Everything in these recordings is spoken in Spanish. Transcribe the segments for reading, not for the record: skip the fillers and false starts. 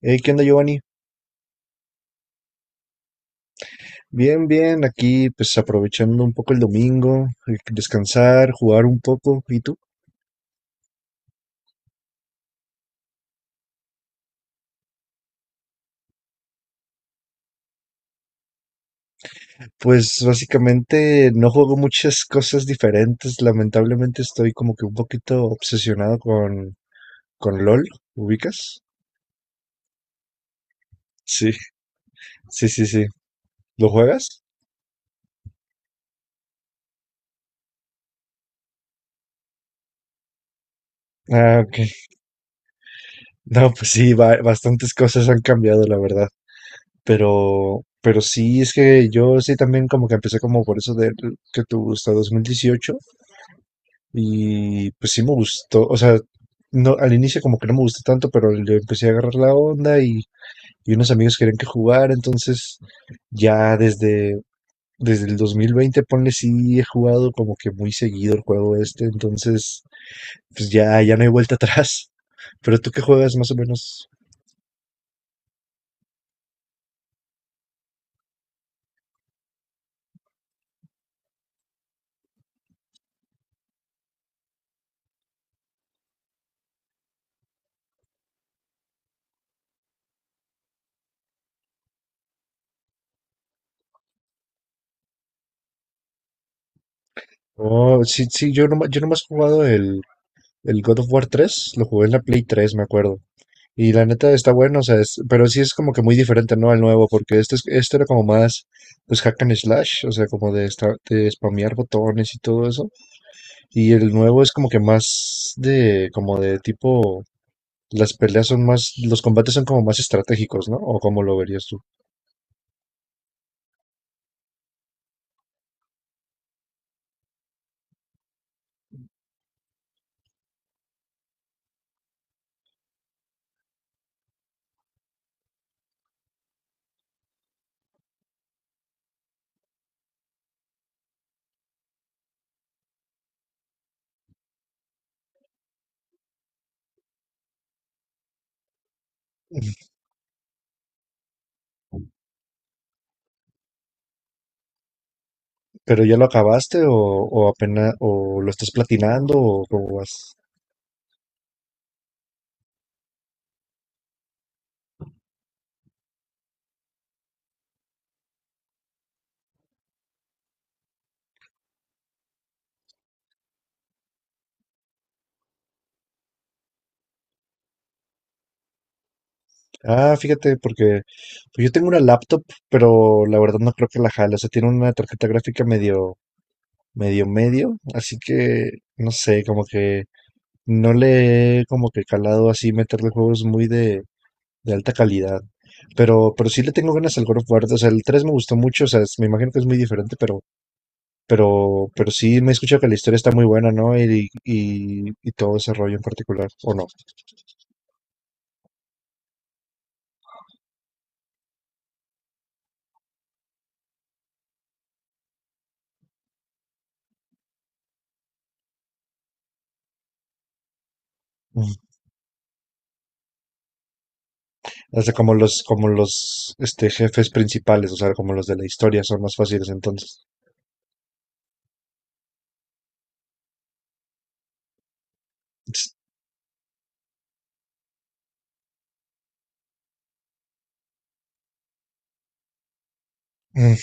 Hey, ¿qué onda, Giovanni? Bien, bien, aquí pues aprovechando un poco el domingo, descansar, jugar un poco. ¿Y tú? Pues básicamente no juego muchas cosas diferentes. Lamentablemente estoy como que un poquito obsesionado con LOL. ¿Ubicas? Sí, sí, sí, sí. ¿Lo juegas? Ah, ok. No, pues sí, bastantes cosas han cambiado, la verdad. Pero sí, es que yo sí también como que empecé como por eso de que te gusta 2018. Y pues sí me gustó, o sea, no, al inicio como que no me gustó tanto, pero le empecé a agarrar la onda y unos amigos querían que jugar, entonces ya desde el 2020, ponle, sí he jugado como que muy seguido el juego este, entonces pues ya no hay vuelta atrás. Pero tú qué juegas más o menos. Oh, sí, sí, yo, no, yo nomás he jugado el God of War 3 lo jugué en la Play 3 me acuerdo. Y la neta está bueno, o sea, pero sí es como que muy diferente, ¿no? Al nuevo, porque este, este era como más, pues, hack and slash, o sea, como de, estar, de spamear botones y todo eso. Y el nuevo es como que más de, como de tipo, las peleas son más, los combates son como más estratégicos, ¿no? ¿O cómo lo verías tú? ¿Pero ya lo acabaste o apenas, o lo estás platinando o cómo vas? Ah, fíjate, porque pues, yo tengo una laptop, pero la verdad no creo que la jale. O sea, tiene una tarjeta gráfica medio, medio, medio. Así que, no sé, como que no le he como que calado así meterle juegos muy de alta calidad. Pero sí le tengo ganas al God of War. O sea, el 3 me gustó mucho. O sea, me imagino que es muy diferente, pero sí me he escuchado que la historia está muy buena, ¿no? Y todo ese rollo en particular, ¿o no? O sea, como los jefes principales, o sea, como los de la historia, son más fáciles entonces. Ts- mm.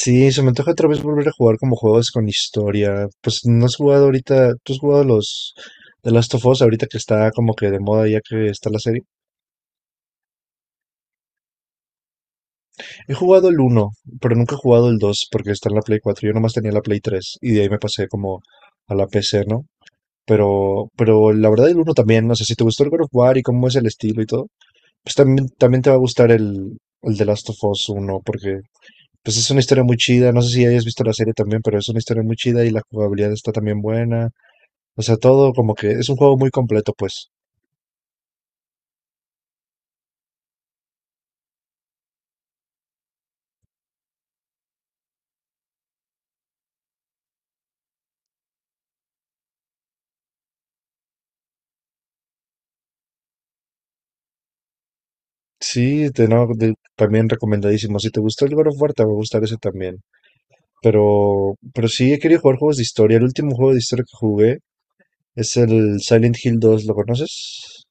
Sí, se me antoja otra vez volver a jugar como juegos con historia. Pues no has jugado ahorita, tú has jugado los The Last of Us ahorita que está como que de moda ya que está la serie. He jugado el uno pero nunca he jugado el 2 porque está en la Play cuatro. Yo nomás tenía la Play 3 y de ahí me pasé como a la PC, ¿no? Pero la verdad el uno también, no sé si te gustó el God of War y cómo es el estilo y todo. Pues también te va a gustar el The Last of Us uno porque pues es una historia muy chida. No sé si hayas visto la serie también, pero es una historia muy chida y la jugabilidad está también buena. O sea, todo como que es un juego muy completo, pues. Sí, de, no, también recomendadísimo. Si te gustó el God of War, te va a gustar ese también. Pero sí, he querido jugar juegos de historia. El último juego de historia que jugué es el Silent Hill 2, ¿lo conoces?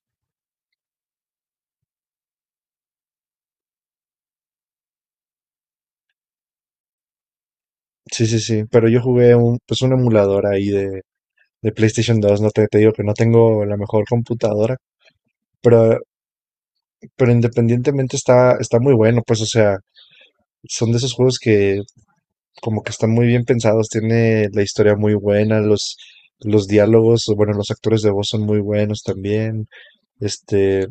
Sí, sí, sí. Pero yo jugué un, pues un emulador ahí de PlayStation dos. No te digo que no tengo la mejor computadora. Pero pero independientemente está muy bueno, pues, o sea, son de esos juegos que como que están muy bien pensados, tiene la historia muy buena, los diálogos, o bueno, los actores de voz son muy buenos también. Este,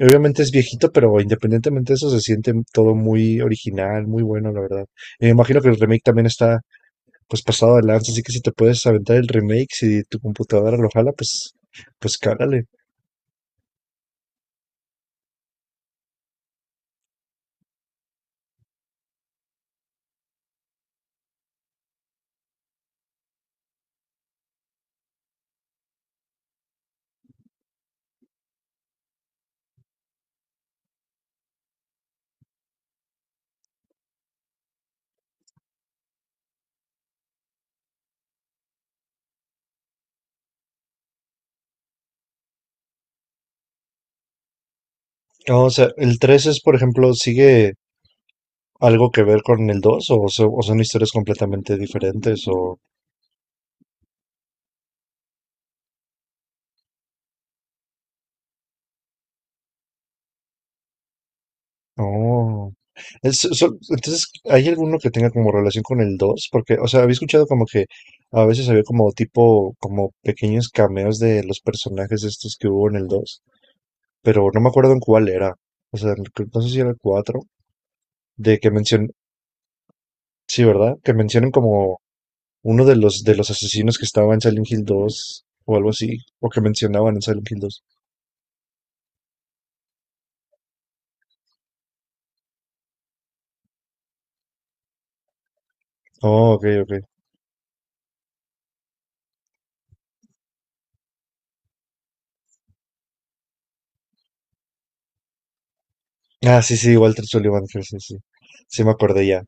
obviamente es viejito, pero independientemente de eso se siente todo muy original, muy bueno, la verdad. Y me imagino que el remake también está pues pasado de lanza, así que si te puedes aventar el remake, si tu computadora lo jala, pues cálale. No, o sea, el 3 es, por ejemplo, sigue algo que ver con el 2 o, o son historias completamente diferentes o no. Entonces, ¿hay alguno que tenga como relación con el dos? Porque, o sea, había escuchado como que a veces había como tipo, como pequeños cameos de los personajes estos que hubo en el 2 pero no me acuerdo en cuál era. O sea, no sé si era el 4 de que mencionen, sí, ¿verdad? Que mencionen como uno de los asesinos que estaba en Silent Hill 2 o algo así, o que mencionaban en Silent Hill dos. Oh, ok, ok. Ah, sí, sí, Walter Sullivan, sí, sí, sí, sí me acordé ya.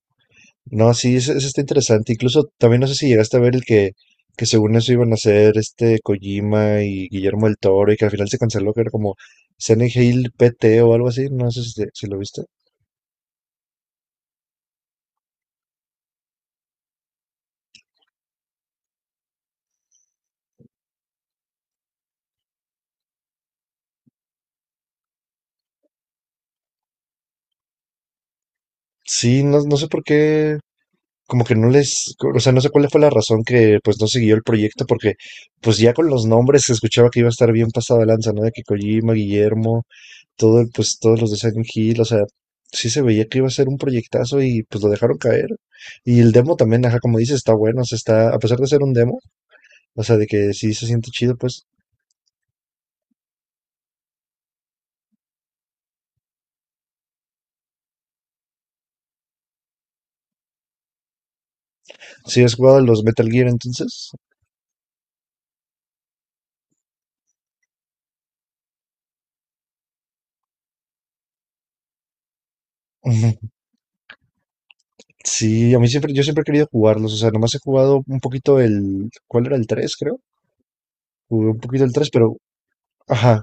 No, sí, eso está interesante. Incluso también no sé si llegaste a ver el que según eso iban a hacer Kojima y Guillermo del Toro y que al final se canceló, que era como Silent Hill PT o algo así. No sé si, si lo viste. Sí, no, no sé por qué, como que no les, o sea, no sé cuál fue la razón que pues no siguió el proyecto, porque pues ya con los nombres se escuchaba que iba a estar bien pasada lanza, ¿no? De que Kojima, Guillermo. Todo el, pues todos los de Silent Hill, o sea, sí se veía que iba a ser un proyectazo y pues lo dejaron caer. Y el demo también, ajá, como dices, está bueno, o sea, está, a pesar de ser un demo, o sea, de que sí se siente chido, pues, si has jugado los Metal Gear entonces, Ujú. Sí, a mí siempre, yo siempre he querido jugarlos, o sea, nomás he jugado un poquito el, ¿cuál era el 3 creo? Jugué un poquito el 3 pero, ajá,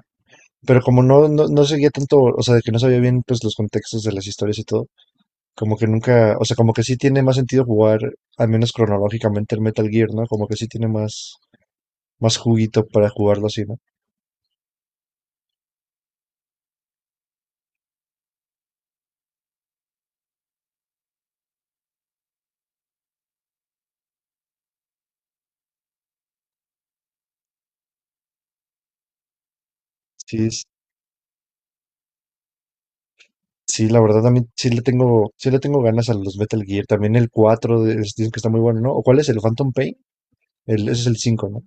pero como no seguía tanto, o sea, de que no sabía bien, pues, los contextos de las historias y todo. Como que nunca, o sea, como que sí tiene más sentido jugar, al menos cronológicamente, el Metal Gear, ¿no? Como que sí tiene más, más juguito para jugarlo así, ¿no? Sí, sí, la verdad también sí le tengo ganas a los Metal Gear. También el 4 dicen que está muy bueno, ¿no? ¿O cuál es el Phantom Pain? Ese es el cinco, ¿no?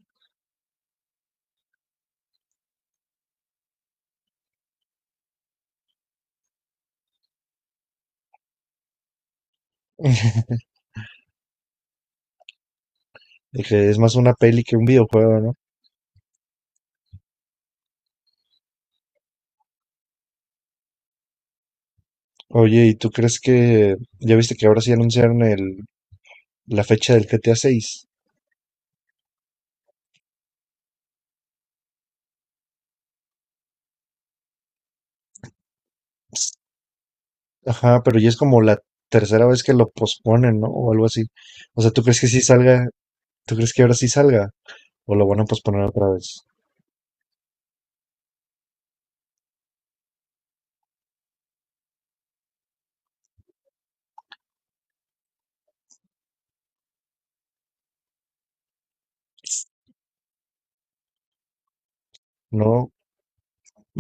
De que es más una peli que un videojuego, ¿no? Oye, ¿y tú crees que ya viste que ahora sí anunciaron la fecha del GTA 6? Ajá, pero ya es como la tercera vez que lo posponen, ¿no? O algo así. O sea, ¿tú crees que sí salga? ¿Tú crees que ahora sí salga? ¿O lo van a posponer otra vez? No,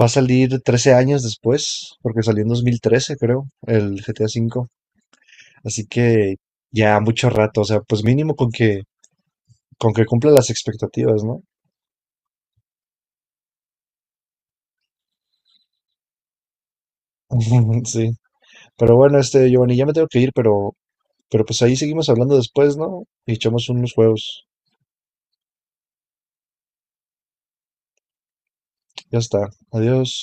va a salir 13 años después, porque salió en 2013, creo, el GTA V. Así que ya mucho rato, o sea, pues mínimo con que, cumpla las expectativas, ¿no? Sí. Pero bueno, Giovanni, ya me tengo que ir, pero, pues ahí seguimos hablando después, ¿no? Y echamos unos juegos. Ya está. Adiós.